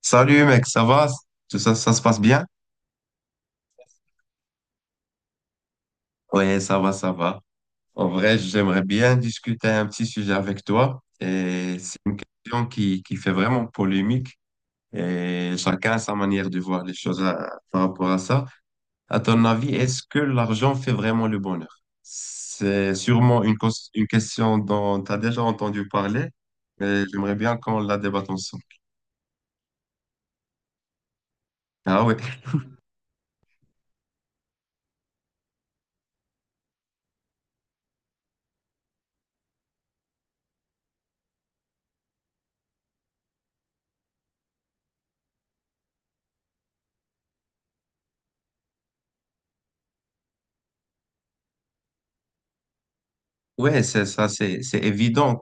Salut mec, ça va? Tout ça, ça se passe bien? Oui, ça va, ça va. En vrai, j'aimerais bien discuter un petit sujet avec toi. Et c'est une question qui fait vraiment polémique. Et chacun a sa manière de voir les choses par rapport à ça. À ton avis, est-ce que l'argent fait vraiment le bonheur? C'est sûrement une question dont tu as déjà entendu parler, mais j'aimerais bien qu'on la débatte ensemble. Ah oui, ouais, ouais, c'est ça, c'est évident.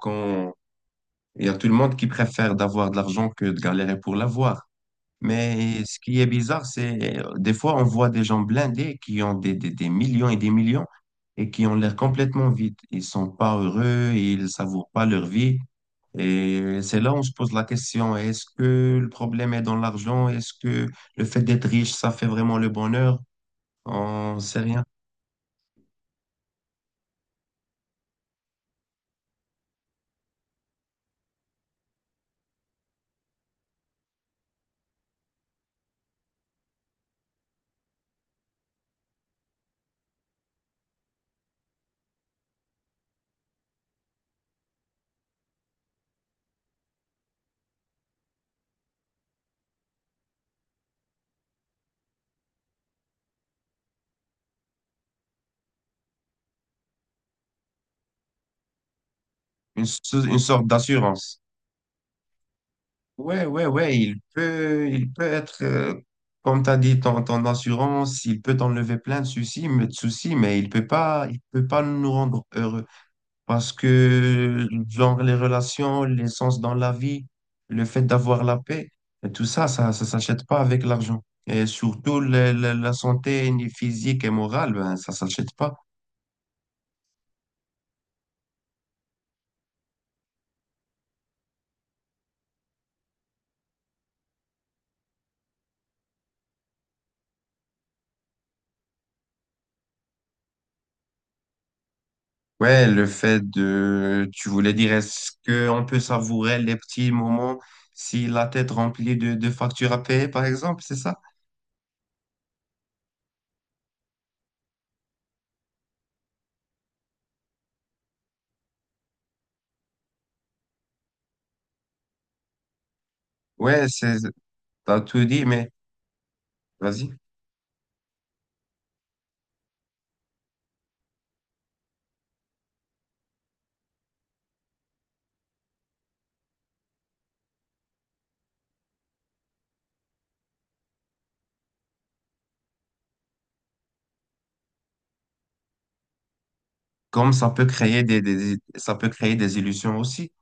Il y a tout le monde qui préfère d'avoir de l'argent que de galérer pour l'avoir. Mais ce qui est bizarre, c'est des fois on voit des gens blindés qui ont des millions et qui ont l'air complètement vides. Ils sont pas heureux, ils savourent pas leur vie. Et c'est là où on se pose la question, est-ce que le problème est dans l'argent? Est-ce que le fait d'être riche, ça fait vraiment le bonheur? On sait rien. Une sorte d'assurance. Ouais, ouais, ouais, il peut être, comme tu as dit, ton assurance, il peut t'enlever plein de soucis, mais il peut pas nous rendre heureux. Parce que, genre, les relations, l'essence dans la vie, le fait d'avoir la paix, et tout ça, ça s'achète pas avec l'argent. Et surtout, la santé ni physique et morale, ben, ça s'achète pas. Ouais, le fait de, tu voulais dire, est-ce qu'on peut savourer les petits moments si la tête remplie de factures à payer, par exemple, c'est ça? Ouais, c'est, t'as tout dit, mais vas-y. Comme ça peut créer ça peut créer des illusions aussi.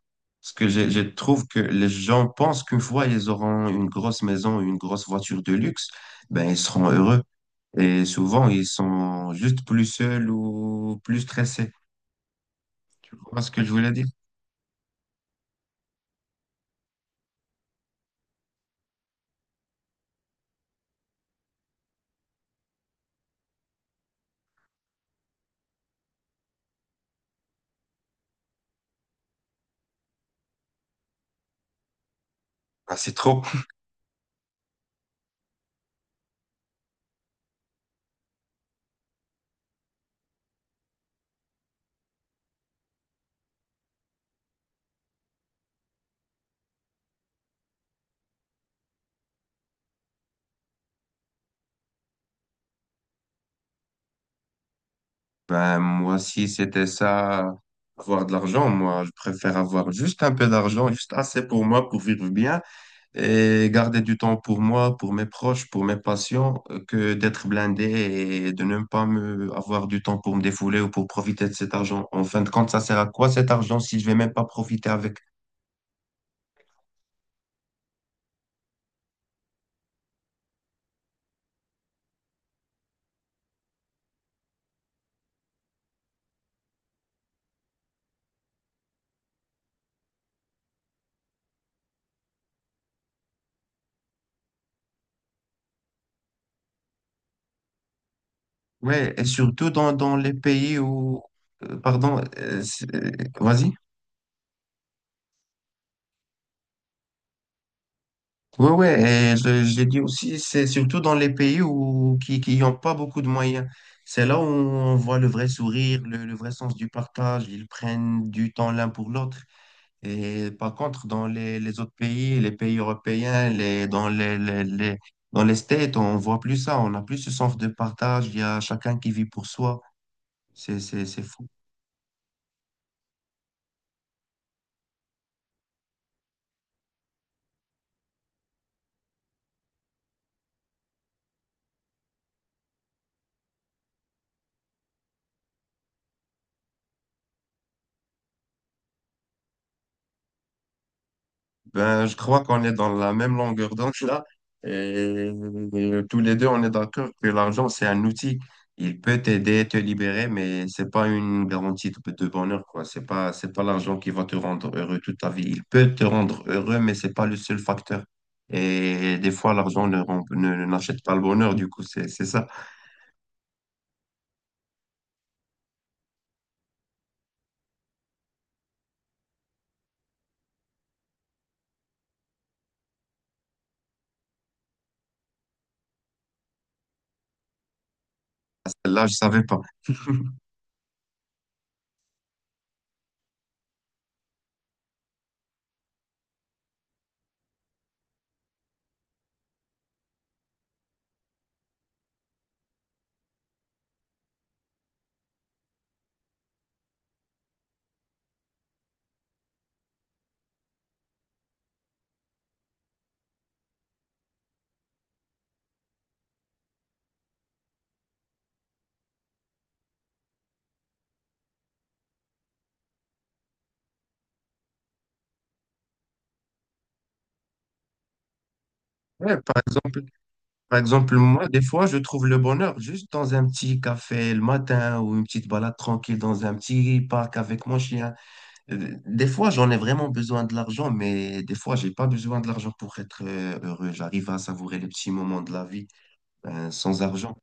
Parce que je trouve que les gens pensent qu'une fois ils auront une grosse maison, une grosse voiture de luxe, ben ils seront heureux. Et souvent, ils sont juste plus seuls ou plus stressés. Tu vois ce que je voulais dire? Ah, c'est trop. Ben, moi, si c'était ça, avoir de l'argent, moi, je préfère avoir juste un peu d'argent, juste assez pour moi, pour vivre bien et garder du temps pour moi, pour mes proches, pour mes patients, que d'être blindé et de ne pas me avoir du temps pour me défouler ou pour profiter de cet argent. En fin de compte, ça sert à quoi cet argent si je vais même pas profiter avec? Ouais, et surtout dans les pays pardon, vas-y. Oui, oui, et je dis aussi, c'est surtout dans les pays qui n'ont pas beaucoup de moyens. C'est là où on voit le vrai sourire, le vrai sens du partage. Ils prennent du temps l'un pour l'autre. Et par contre, dans les autres pays, les pays européens, les, dans les- dans les States, on voit plus ça. On n'a plus ce sens de partage. Il y a chacun qui vit pour soi. C'est fou. Ben, je crois qu'on est dans la même longueur d'onde là. Et, et tous les deux, on est d'accord que l'argent, c'est un outil. Il peut t'aider, te libérer, mais c'est pas une garantie de bonheur, quoi. C'est pas l'argent qui va te rendre heureux toute ta vie. Il peut te rendre heureux, mais c'est pas le seul facteur. Et des fois, l'argent ne, rend- ne- ne- n'achète pas le bonheur, du coup, c'est ça. Là, je savais pas. Ouais, par exemple, par exemple, moi, des fois, je trouve le bonheur juste dans un petit café le matin ou une petite balade tranquille dans un petit parc avec mon chien. Des fois, j'en ai vraiment besoin de l'argent, mais des fois, j'ai pas besoin de l'argent pour être heureux. J'arrive à savourer les petits moments de la vie, sans argent.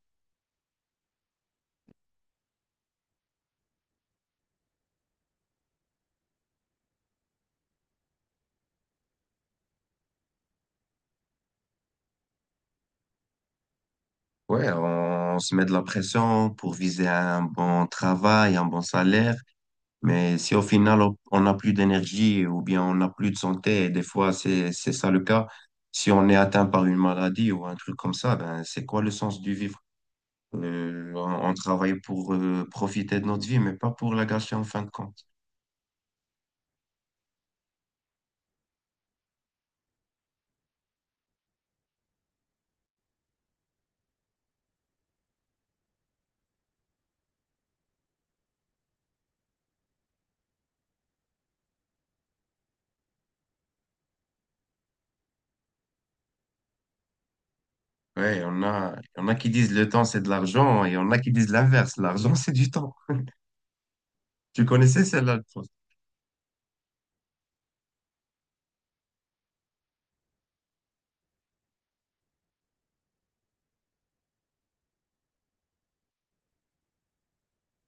Ouais, on se met de la pression pour viser un bon travail, un bon salaire. Mais si au final on n'a plus d'énergie ou bien on n'a plus de santé, et des fois c'est ça le cas, si on est atteint par une maladie ou un truc comme ça, ben c'est quoi le sens du vivre? On travaille pour profiter de notre vie, mais pas pour la gâcher en fin de compte. Ouais, on a qui disent le temps c'est de l'argent et on a qui disent l'inverse, l'argent c'est du temps. Tu connaissais celle-là? Je pense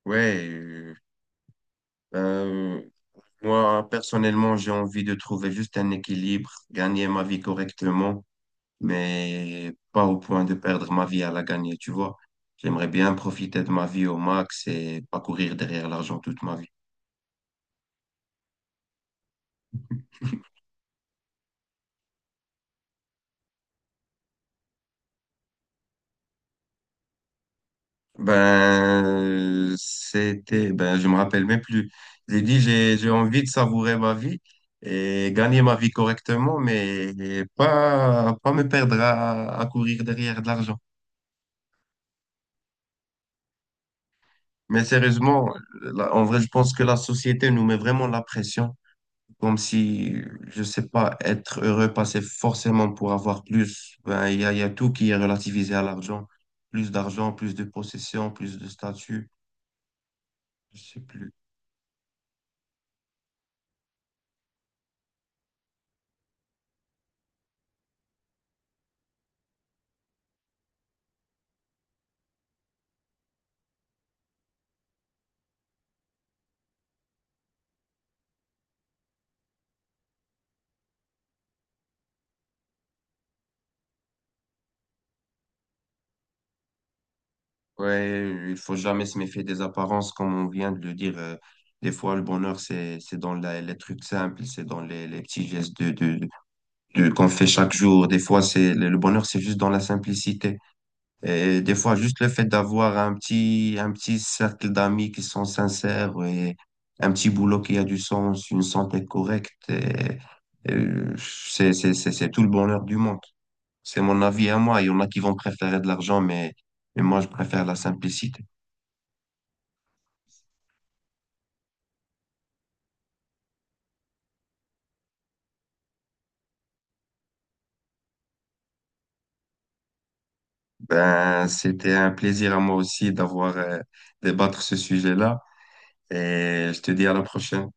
ouais, euh, moi personnellement j'ai envie de trouver juste un équilibre, gagner ma vie correctement mais pas au point de perdre ma vie à la gagner, tu vois. J'aimerais bien profiter de ma vie au max et pas courir derrière l'argent toute ma vie. Ben, c'était, ben, je me rappelle même plus. J'ai dit, j'ai envie de savourer ma vie et gagner ma vie correctement, mais pas, pas me perdre à courir derrière de l'argent. Mais sérieusement, là, en vrai, je pense que la société nous met vraiment la pression. Comme si, je sais pas, être heureux passait forcément pour avoir plus. Ben, il y a tout qui est relativisé à l'argent. Plus d'argent, plus de possession, plus de statut. Je sais plus. Ouais, il faut jamais se méfier des apparences, comme on vient de le dire. Des fois, le bonheur, c'est dans les trucs simples, c'est dans les petits gestes qu'on fait chaque jour. Des fois, le bonheur, c'est juste dans la simplicité. Et des fois, juste le fait d'avoir un petit cercle d'amis qui sont sincères et un petit boulot qui a du sens, une santé correcte, et c'est tout le bonheur du monde. C'est mon avis à moi. Il y en a qui vont préférer de l'argent, mais moi, je préfère la simplicité. Ben, c'était un plaisir à moi aussi d'avoir, débattre ce sujet-là. Et je te dis à la prochaine.